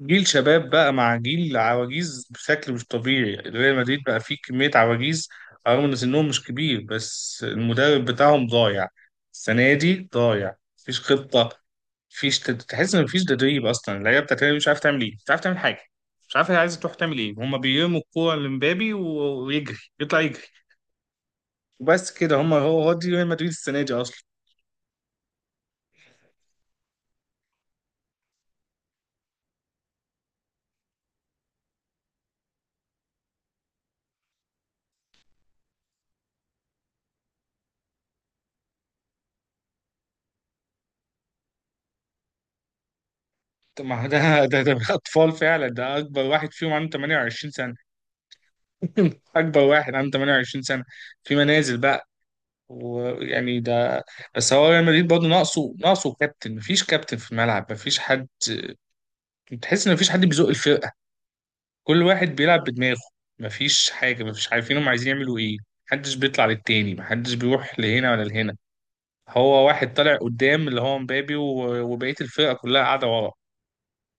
جيل شباب بقى مع جيل عواجيز بشكل مش طبيعي. ريال مدريد بقى فيه كمية عواجيز رغم ان سنهم مش كبير، بس المدرب بتاعهم ضايع. السنة دي ضايع، مفيش خطة. مفيش تحس ان مفيش تدريب اصلا. اللعيبة بتاعت الريال مش عارف تعمل ايه، مش عارف تعمل حاجة، مش عارف هي عايزة تروح تعمل ايه. هما بيرموا الكورة لمبابي ويجري يطلع يجري. وبس كده، هما هو دي ريال مدريد السنة دي اصلا. طب ما ده ده اطفال فعلا، ده اكبر واحد فيهم عنده 28. اكبر واحد عنده 28 سنه في منازل بقى. ويعني ده، بس هو ريال مدريد برضه ناقصه كابتن. مفيش كابتن في الملعب، مفيش حد تحس ان مفيش حد بيزق الفرقه. كل واحد بيلعب بدماغه. مفيش حاجه، مفيش عارفين هم عايزين يعملوا ايه. محدش بيطلع للتاني، محدش بيروح لهنا ولا لهنا. هو واحد طالع قدام اللي هو مبابي وبقيه الفرقه كلها قاعده ورا.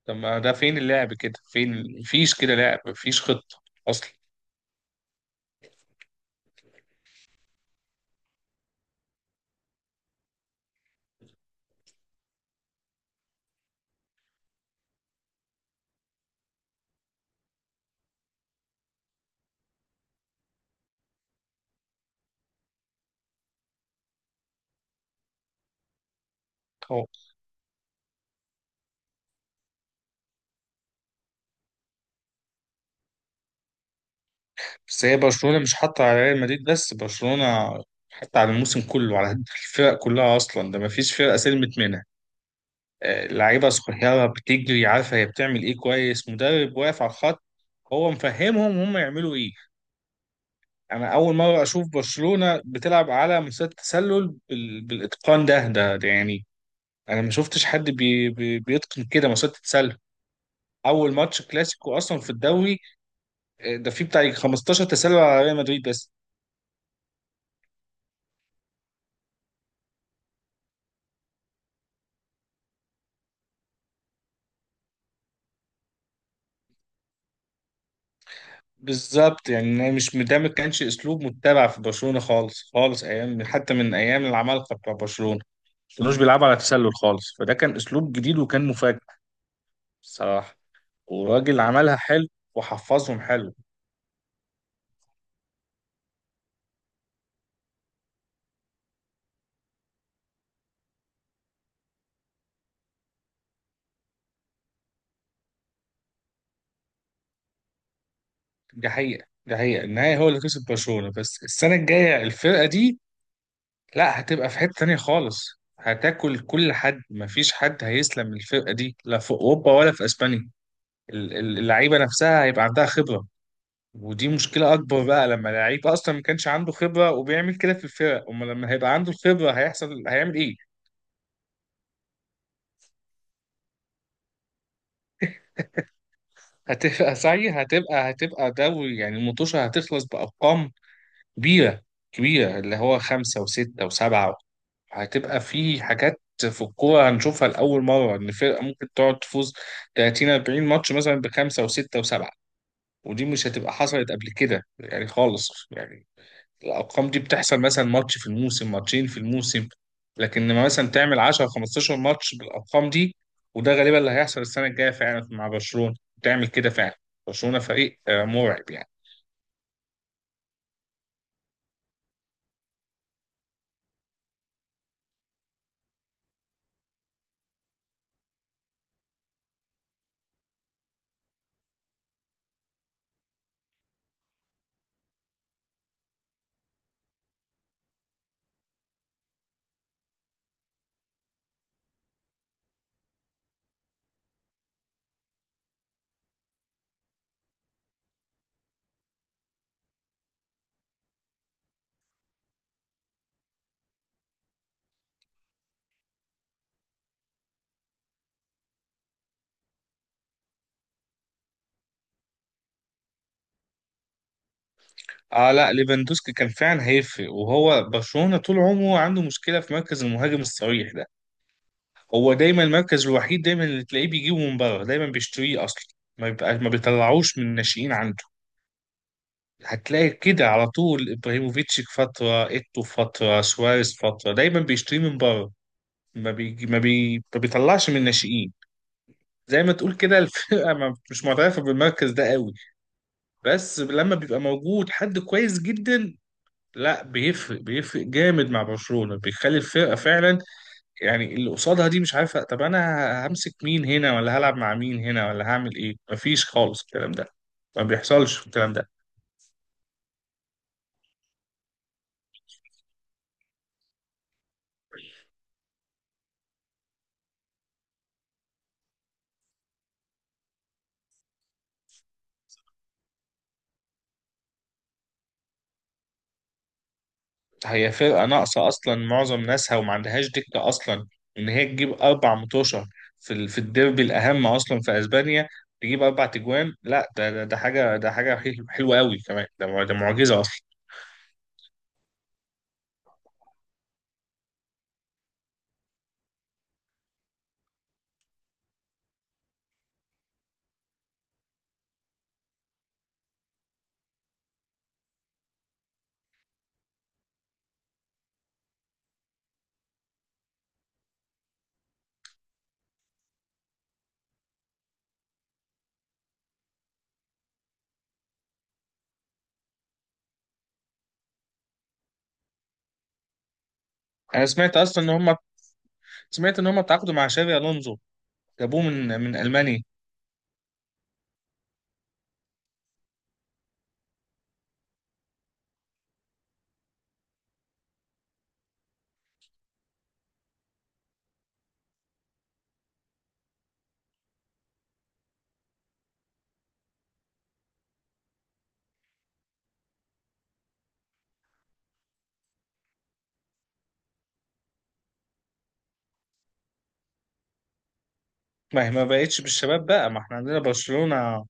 طب ما ده فين اللعب؟ كده فين؟ مفيش كده لعب، مفيش خطه اصلا. بس هي برشلونة مش حاطة على ريال مدريد بس، برشلونة حتى على الموسم كله على الفرق كلها أصلا. ده مفيش فرقة سلمت منها. آه، لعيبة صغيرة بتجري عارفة هي بتعمل إيه كويس، مدرب واقف على الخط هو مفهمهم هم يعملوا إيه. أنا أول مرة أشوف برشلونة بتلعب على مسات تسلل بالإتقان ده يعني، أنا ما شفتش حد بي بي بيتقن كده مسات تسلل. أول ماتش كلاسيكو أصلا في الدوري، آه، ده فيه بتاع 15 تسلل على ريال مدريد بس. بالظبط، يعني إن هي مش ده ما كانش اسلوب متبع في برشلونه خالص خالص، ايام حتى من ايام العمالقه بتاع برشلونه ما كانوش بيلعبوا على تسلل خالص. فده كان اسلوب جديد وكان مفاجئ بصراحه. وراجل عملها حلو وحفظهم حلو. دي حقيقه، النهائي هو اللي كسب برشلونه. بس السنه الجايه الفرقه دي لا، هتبقى في حته تانيه خالص. هتاكل كل حد، مفيش حد هيسلم من الفرقه دي لا في اوروبا ولا في اسبانيا. اللعيبه نفسها هيبقى عندها خبره. ودي مشكلة أكبر بقى لما لعيب أصلا ما كانش عنده خبرة وبيعمل كده في الفرق، أما لما هيبقى عنده الخبرة هيحصل، هيعمل إيه؟ هتبقى دوري، يعني المطوشة هتخلص بأرقام كبيرة. كبيرة اللي هو خمسة وستة وسبعة. هتبقى في حاجات في الكورة هنشوفها لأول مرة، إن فرقة ممكن تقعد تفوز 30 40 ماتش مثلا بخمسة وستة وسبعة. ودي مش هتبقى حصلت قبل كده يعني خالص، يعني الارقام دي بتحصل مثلا ماتش في الموسم، ماتشين في الموسم. لكن لما مثلا تعمل 10 15 ماتش بالارقام دي، وده غالبا اللي هيحصل السنه الجايه فعلا مع برشلونه، تعمل كده فعلا. برشلونه فريق آه، مرعب يعني. اه لا، ليفاندوسكي كان فعلا هيفرق. وهو برشلونه طول عمره عنده مشكله في مركز المهاجم الصريح ده. هو دايما المركز الوحيد دايما اللي تلاقيه بيجيبه من بره، دايما بيشتريه اصلا. ما بيطلعوش من الناشئين عنده. هتلاقي كده على طول ابراهيموفيتش في فتره، ايتو في فتره، سواريز في فتره، دايما بيشتري من بره. ما بيطلعش من الناشئين. زي ما تقول كده الفرقه مش معترفه بالمركز ده قوي. بس لما بيبقى موجود حد كويس جدا لا، بيفرق جامد مع برشلونه. بيخلي الفرقه فعلا يعني اللي قصادها دي مش عارفه، طب انا همسك مين هنا، ولا هلعب مع مين هنا، ولا هعمل ايه؟ مفيش خالص الكلام ده، ما بيحصلش الكلام ده. هي فرقة ناقصة أصلا معظم ناسها وما عندهاش دكة أصلا. إن هي تجيب أربع متوشة في في الديربي الأهم أصلا في أسبانيا، تجيب أربع تجوان، لا ده ده حاجة، ده حاجة حلوة أوي كمان. ده ده معجزة أصلا. أنا سمعت أصلا إن هم سمعت إن هم تعاقدوا مع شابي ألونزو، جابوه من ألمانيا. ما هي ما بقتش بالشباب بقى، ما إحنا عندنا برشلونة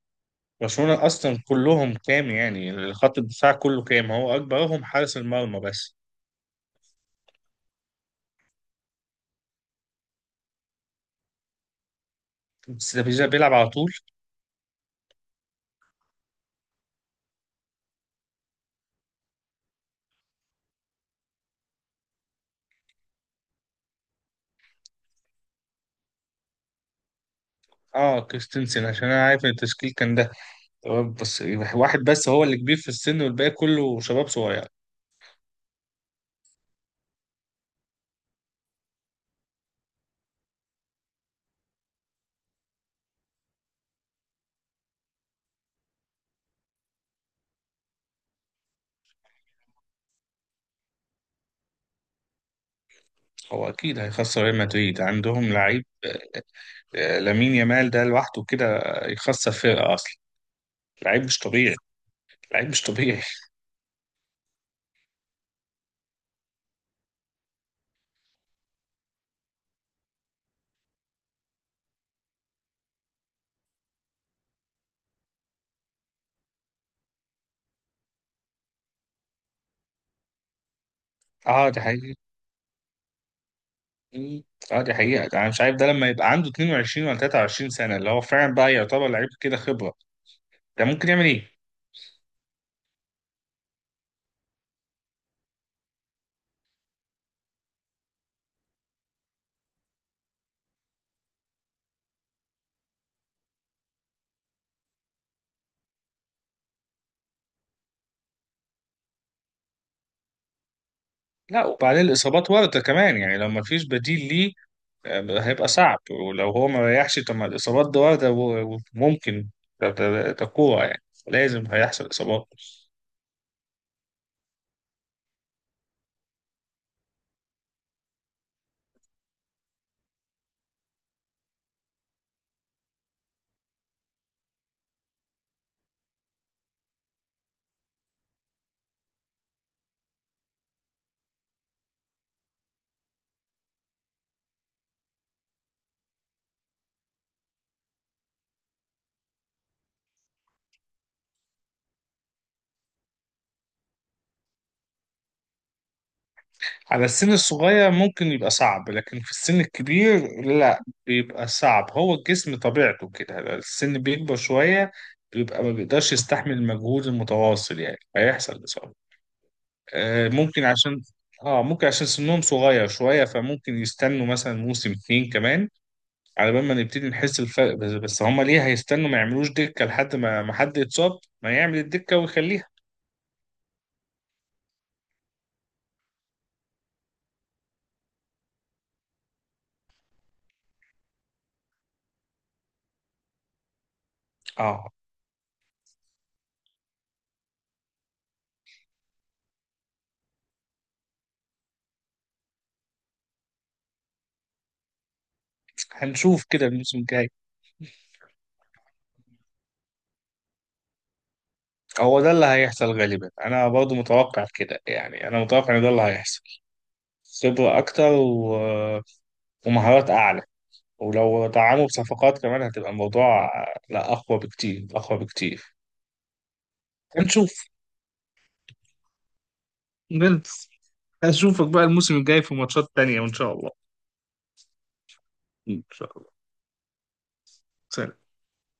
برشلونة أصلا كلهم كام؟ يعني خط الدفاع كله كام؟ هو أكبرهم حارس المرمى بس. بس ده بيلعب على طول. اه كريستنسن، عشان انا عارف ان التشكيل كان ده تمام، بس واحد بس هو اللي كبير في السن والباقي كله شباب صغير. هو اكيد هيخسر ريال مدريد، عندهم لعيب آه، لامين يامال ده لوحده كده يخسر فرقه اصلا. لعيب مش طبيعي. لعيب مش طبيعي. اه دي حقيقة. مم. اه دي حقيقة، انا مش عارف ده لما يبقى عنده 22 ولا 23 سنة اللي هو فعلا بقى يعتبر لعيب كده خبرة، ده ممكن يعمل ايه؟ لا وبعدين الاصابات ورطة كمان، يعني لو ما فيش بديل ليه هيبقى صعب. ولو هو ما ريحش، طب ما الإصابات دي واردة وممكن تقوع، يعني لازم هيحصل إصابات. على السن الصغير ممكن يبقى صعب، لكن في السن الكبير لا، بيبقى صعب. هو الجسم طبيعته كده، السن بيكبر شوية بيبقى ما بيقدرش يستحمل المجهود المتواصل، يعني هيحصل إصابة. آه، ممكن عشان اه ممكن عشان سنهم صغير شوية، فممكن يستنوا مثلا موسم اتنين كمان على بال ما نبتدي نحس بالفرق. بس هما ليه هيستنوا؟ ما يعملوش دكة لحد ما حد يتصاب، ما يعمل الدكة ويخليها. اه هنشوف كده الموسم الجاي، هو ده اللي هيحصل غالبا. انا برضو متوقع كده يعني، انا متوقع ان ده اللي هيحصل. خبرة اكتر و... ومهارات اعلى، ولو دعموا بصفقات كمان هتبقى الموضوع لا، اقوى بكتير، اقوى بكتير. هنشوف. نلبس. هشوفك بقى الموسم الجاي في ماتشات تانية، وان شاء الله. ان شاء الله. سلام